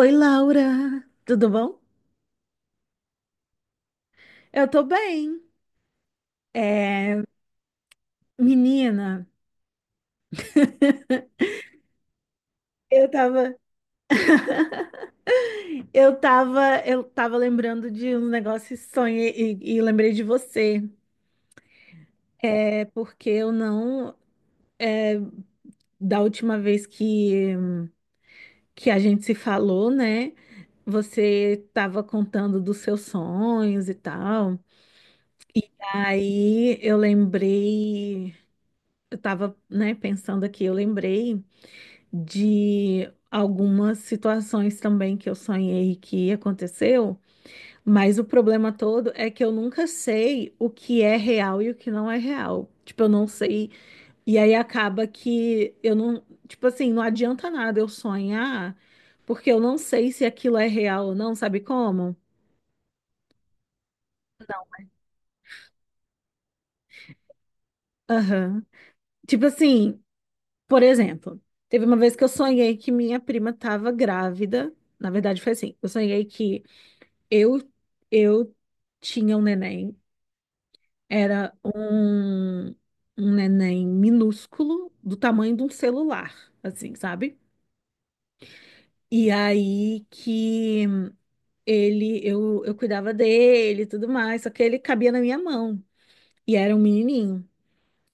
Oi, Laura, tudo bom? Eu tô bem. É, menina, eu tava, eu tava lembrando de um negócio e sonhei e lembrei de você. É porque eu não, da última vez que a gente se falou, né? Você tava contando dos seus sonhos e tal. Aí eu lembrei, eu tava, né, pensando aqui, eu lembrei de algumas situações também que eu sonhei que aconteceu, mas o problema todo é que eu nunca sei o que é real e o que não é real. Tipo, eu não sei. E aí acaba que eu não, tipo assim, não adianta nada eu sonhar, porque eu não sei se aquilo é real ou não, sabe como? Aham. Tipo assim, por exemplo, teve uma vez que eu sonhei que minha prima tava grávida. Na verdade, foi assim, eu sonhei que eu, eu tinha um neném, era um, um neném minúsculo, do tamanho de um celular, assim, sabe? E aí que ele, eu, cuidava dele e tudo mais, só que ele cabia na minha mão. E era um menininho.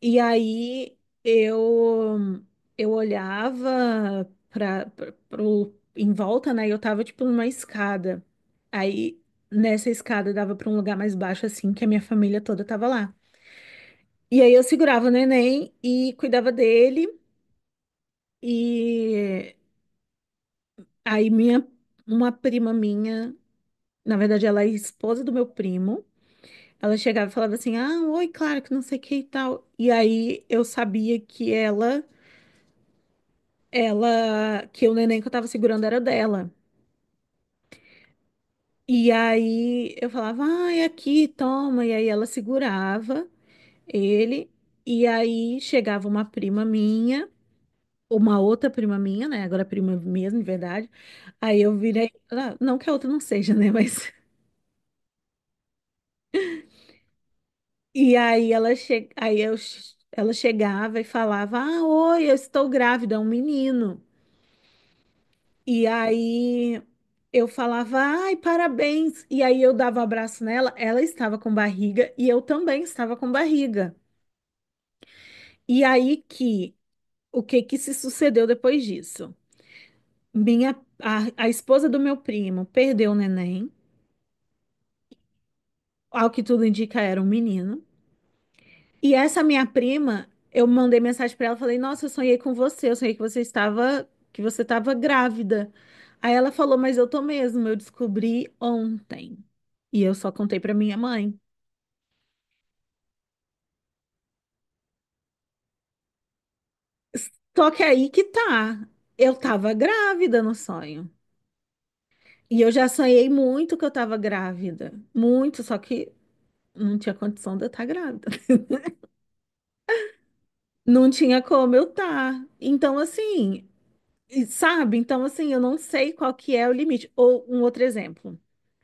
E aí eu olhava para pro em volta, né? E eu tava tipo numa escada. Aí nessa escada dava para um lugar mais baixo assim, que a minha família toda tava lá. E aí eu segurava o neném e cuidava dele e aí minha uma prima minha, na verdade ela é esposa do meu primo. Ela chegava e falava assim: "Ah, oi, claro que não sei o que e tal". E aí eu sabia que ela, que o neném que eu tava segurando era dela. E aí eu falava, ai, aqui, toma. E aí ela segurava ele. E aí chegava uma prima minha, uma outra prima minha, né? Agora prima mesmo, de verdade. Aí eu virei, ah, não que a outra não seja, né? Mas. E aí ela che... aí eu... ela chegava e falava, ah, oi, eu estou grávida, é um menino. E aí eu falava, ai, parabéns. E aí eu dava um abraço nela, ela estava com barriga e eu também estava com barriga. E aí que, o que que se sucedeu depois disso? Minha, a, esposa do meu primo perdeu o neném, ao que tudo indica era um menino. E essa minha prima, eu mandei mensagem pra ela, falei: "Nossa, eu sonhei com você, eu sonhei que você estava grávida". Aí ela falou: "Mas eu tô mesmo, eu descobri ontem". E eu só contei pra minha mãe. Só que aí que tá. Eu tava grávida no sonho. E eu já sonhei muito que eu tava grávida, muito, só que não tinha condição de eu estar grávida. Não tinha como eu tá. Então assim, e sabe? Então assim, eu não sei qual que é o limite. Ou um outro exemplo.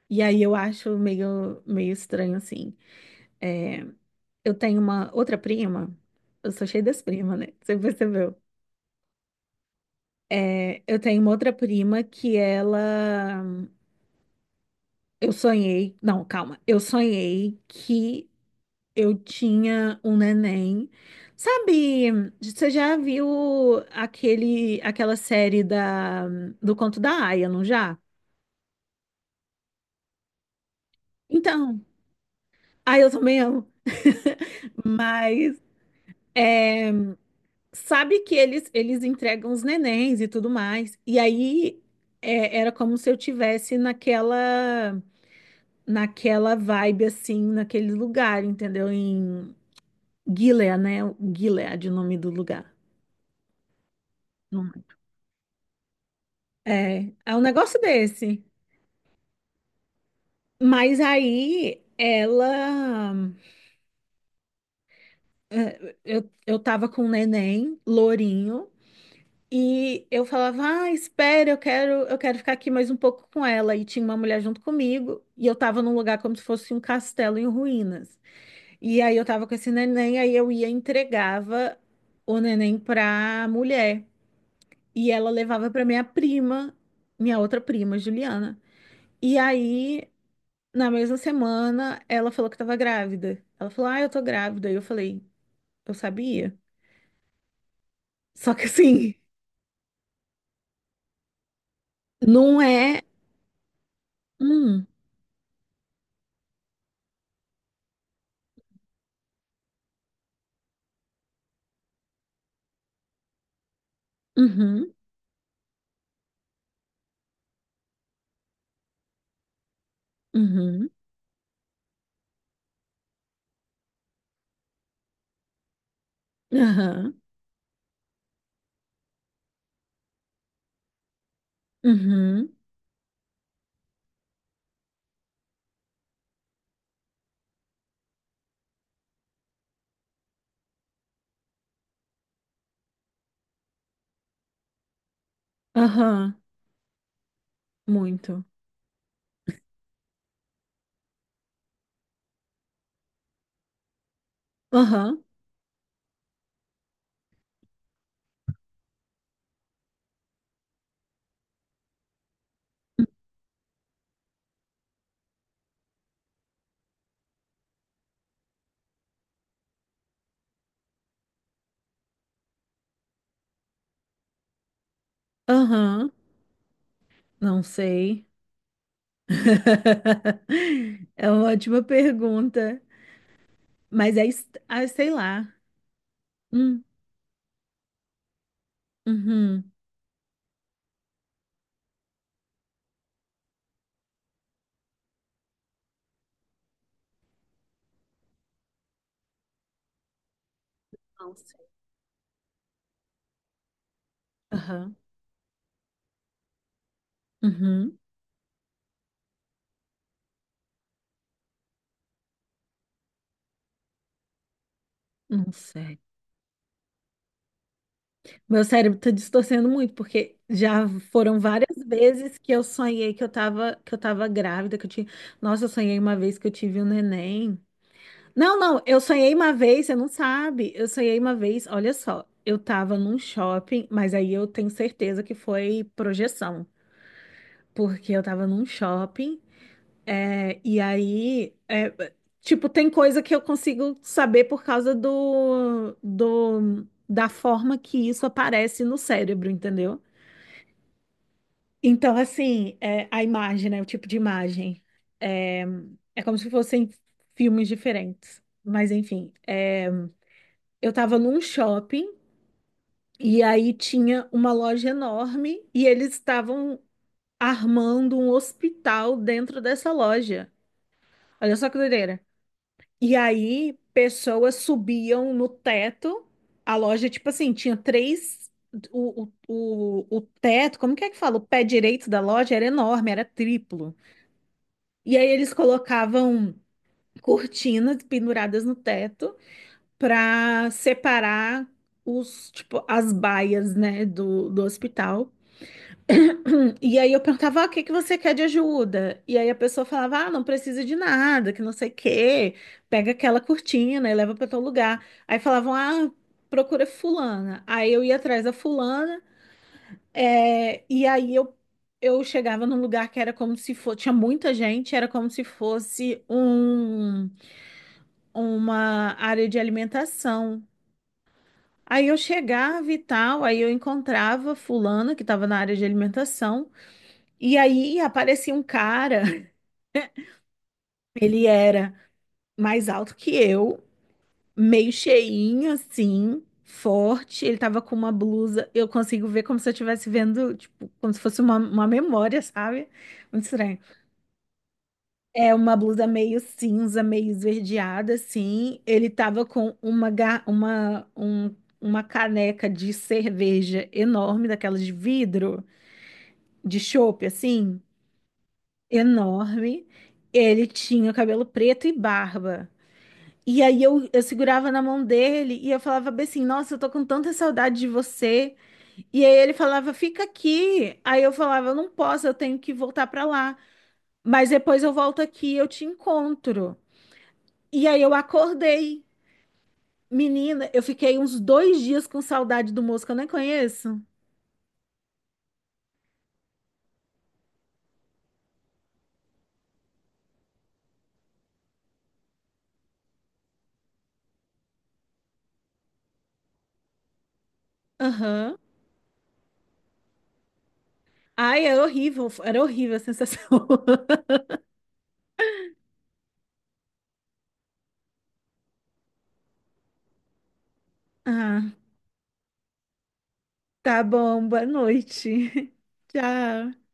E aí eu acho meio, meio estranho, assim. É, eu tenho uma outra prima, eu sou cheia das primas, né? Você percebeu? É, eu tenho uma outra prima que ela. Eu sonhei. Não, calma. Eu sonhei que eu tinha um neném. Sabe, você já viu aquele, aquela série da, do Conto da Aia, não já? Então, aí eu também amo. Mas. É, sabe que eles entregam os nenéns e tudo mais. E aí é, era como se eu tivesse naquela, naquela vibe assim, naquele lugar, entendeu? Em Gilead, né? Gilead, o nome do lugar. Não- É, é um negócio desse. Mas aí ela é, eu, tava com um neném, lourinho. E eu falava, ah, espera, eu quero ficar aqui mais um pouco com ela. E tinha uma mulher junto comigo, e eu tava num lugar como se fosse um castelo em ruínas. E aí eu tava com esse neném, aí eu ia e entregava o neném pra mulher. E ela levava pra minha prima, minha outra prima, Juliana. E aí, na mesma semana, ela falou que tava grávida. Ela falou, ah, eu tô grávida. E eu falei, eu sabia. Só que assim, não é. Hum, uhum, uhum. Aham. Uhum. Aham. Muito. Aham. Aham. Não sei. É uma ótima pergunta. Mas é, est- ah, sei lá. Hum. Uhum. Não sei. Aham. Uhum. Não sei. Meu cérebro tá distorcendo muito, porque já foram várias vezes que eu sonhei que eu tava grávida, que eu tinha... Nossa, eu sonhei uma vez que eu tive um neném. Não, não, eu sonhei uma vez, você não sabe. Eu sonhei uma vez, olha só, eu tava num shopping, mas aí eu tenho certeza que foi projeção, porque eu tava num shopping, é, e aí, é, tipo, tem coisa que eu consigo saber por causa da forma que isso aparece no cérebro, entendeu? Então, assim, é, a imagem, né, o tipo de imagem, é, é como se fossem filmes diferentes, mas enfim, é, eu estava num shopping e aí tinha uma loja enorme e eles estavam armando um hospital dentro dessa loja. Olha só que doideira. E aí pessoas subiam no teto. A loja, tipo assim, tinha três. O, o, o teto, como que é que fala? O pé direito da loja era enorme, era triplo. E aí eles colocavam cortinas penduradas no teto para separar os, tipo, as baias, né, do hospital. E aí eu perguntava, ah, o que que você quer de ajuda? E aí a pessoa falava, ah, não precisa de nada, que não sei o quê, pega aquela cortina e leva para tal lugar. Aí falavam, ah, procura fulana. Aí eu ia atrás da fulana, é, e aí eu chegava num lugar que era como se fosse, tinha muita gente, era como se fosse um, uma área de alimentação. Aí eu chegava e tal, aí eu encontrava fulano que estava na área de alimentação, e aí aparecia um cara, ele era mais alto que eu, meio cheinho assim, forte, ele tava com uma blusa, eu consigo ver como se eu estivesse vendo, tipo, como se fosse uma memória, sabe? Muito estranho. É uma blusa meio cinza, meio esverdeada assim, ele tava com uma, ga- uma, um- uma caneca de cerveja enorme, daquelas de vidro, de chope, assim, enorme. Ele tinha cabelo preto e barba. E aí eu, segurava na mão dele e eu falava bem assim, nossa, eu tô com tanta saudade de você. E aí ele falava, fica aqui. Aí eu falava, eu não posso, eu tenho que voltar pra lá. Mas depois eu volto aqui e eu te encontro. E aí eu acordei. Menina, eu fiquei uns 2 dias com saudade do moço que eu nem conheço. Aham. Ai, era horrível a sensação. Ah. Tá bom, boa noite. Tchau.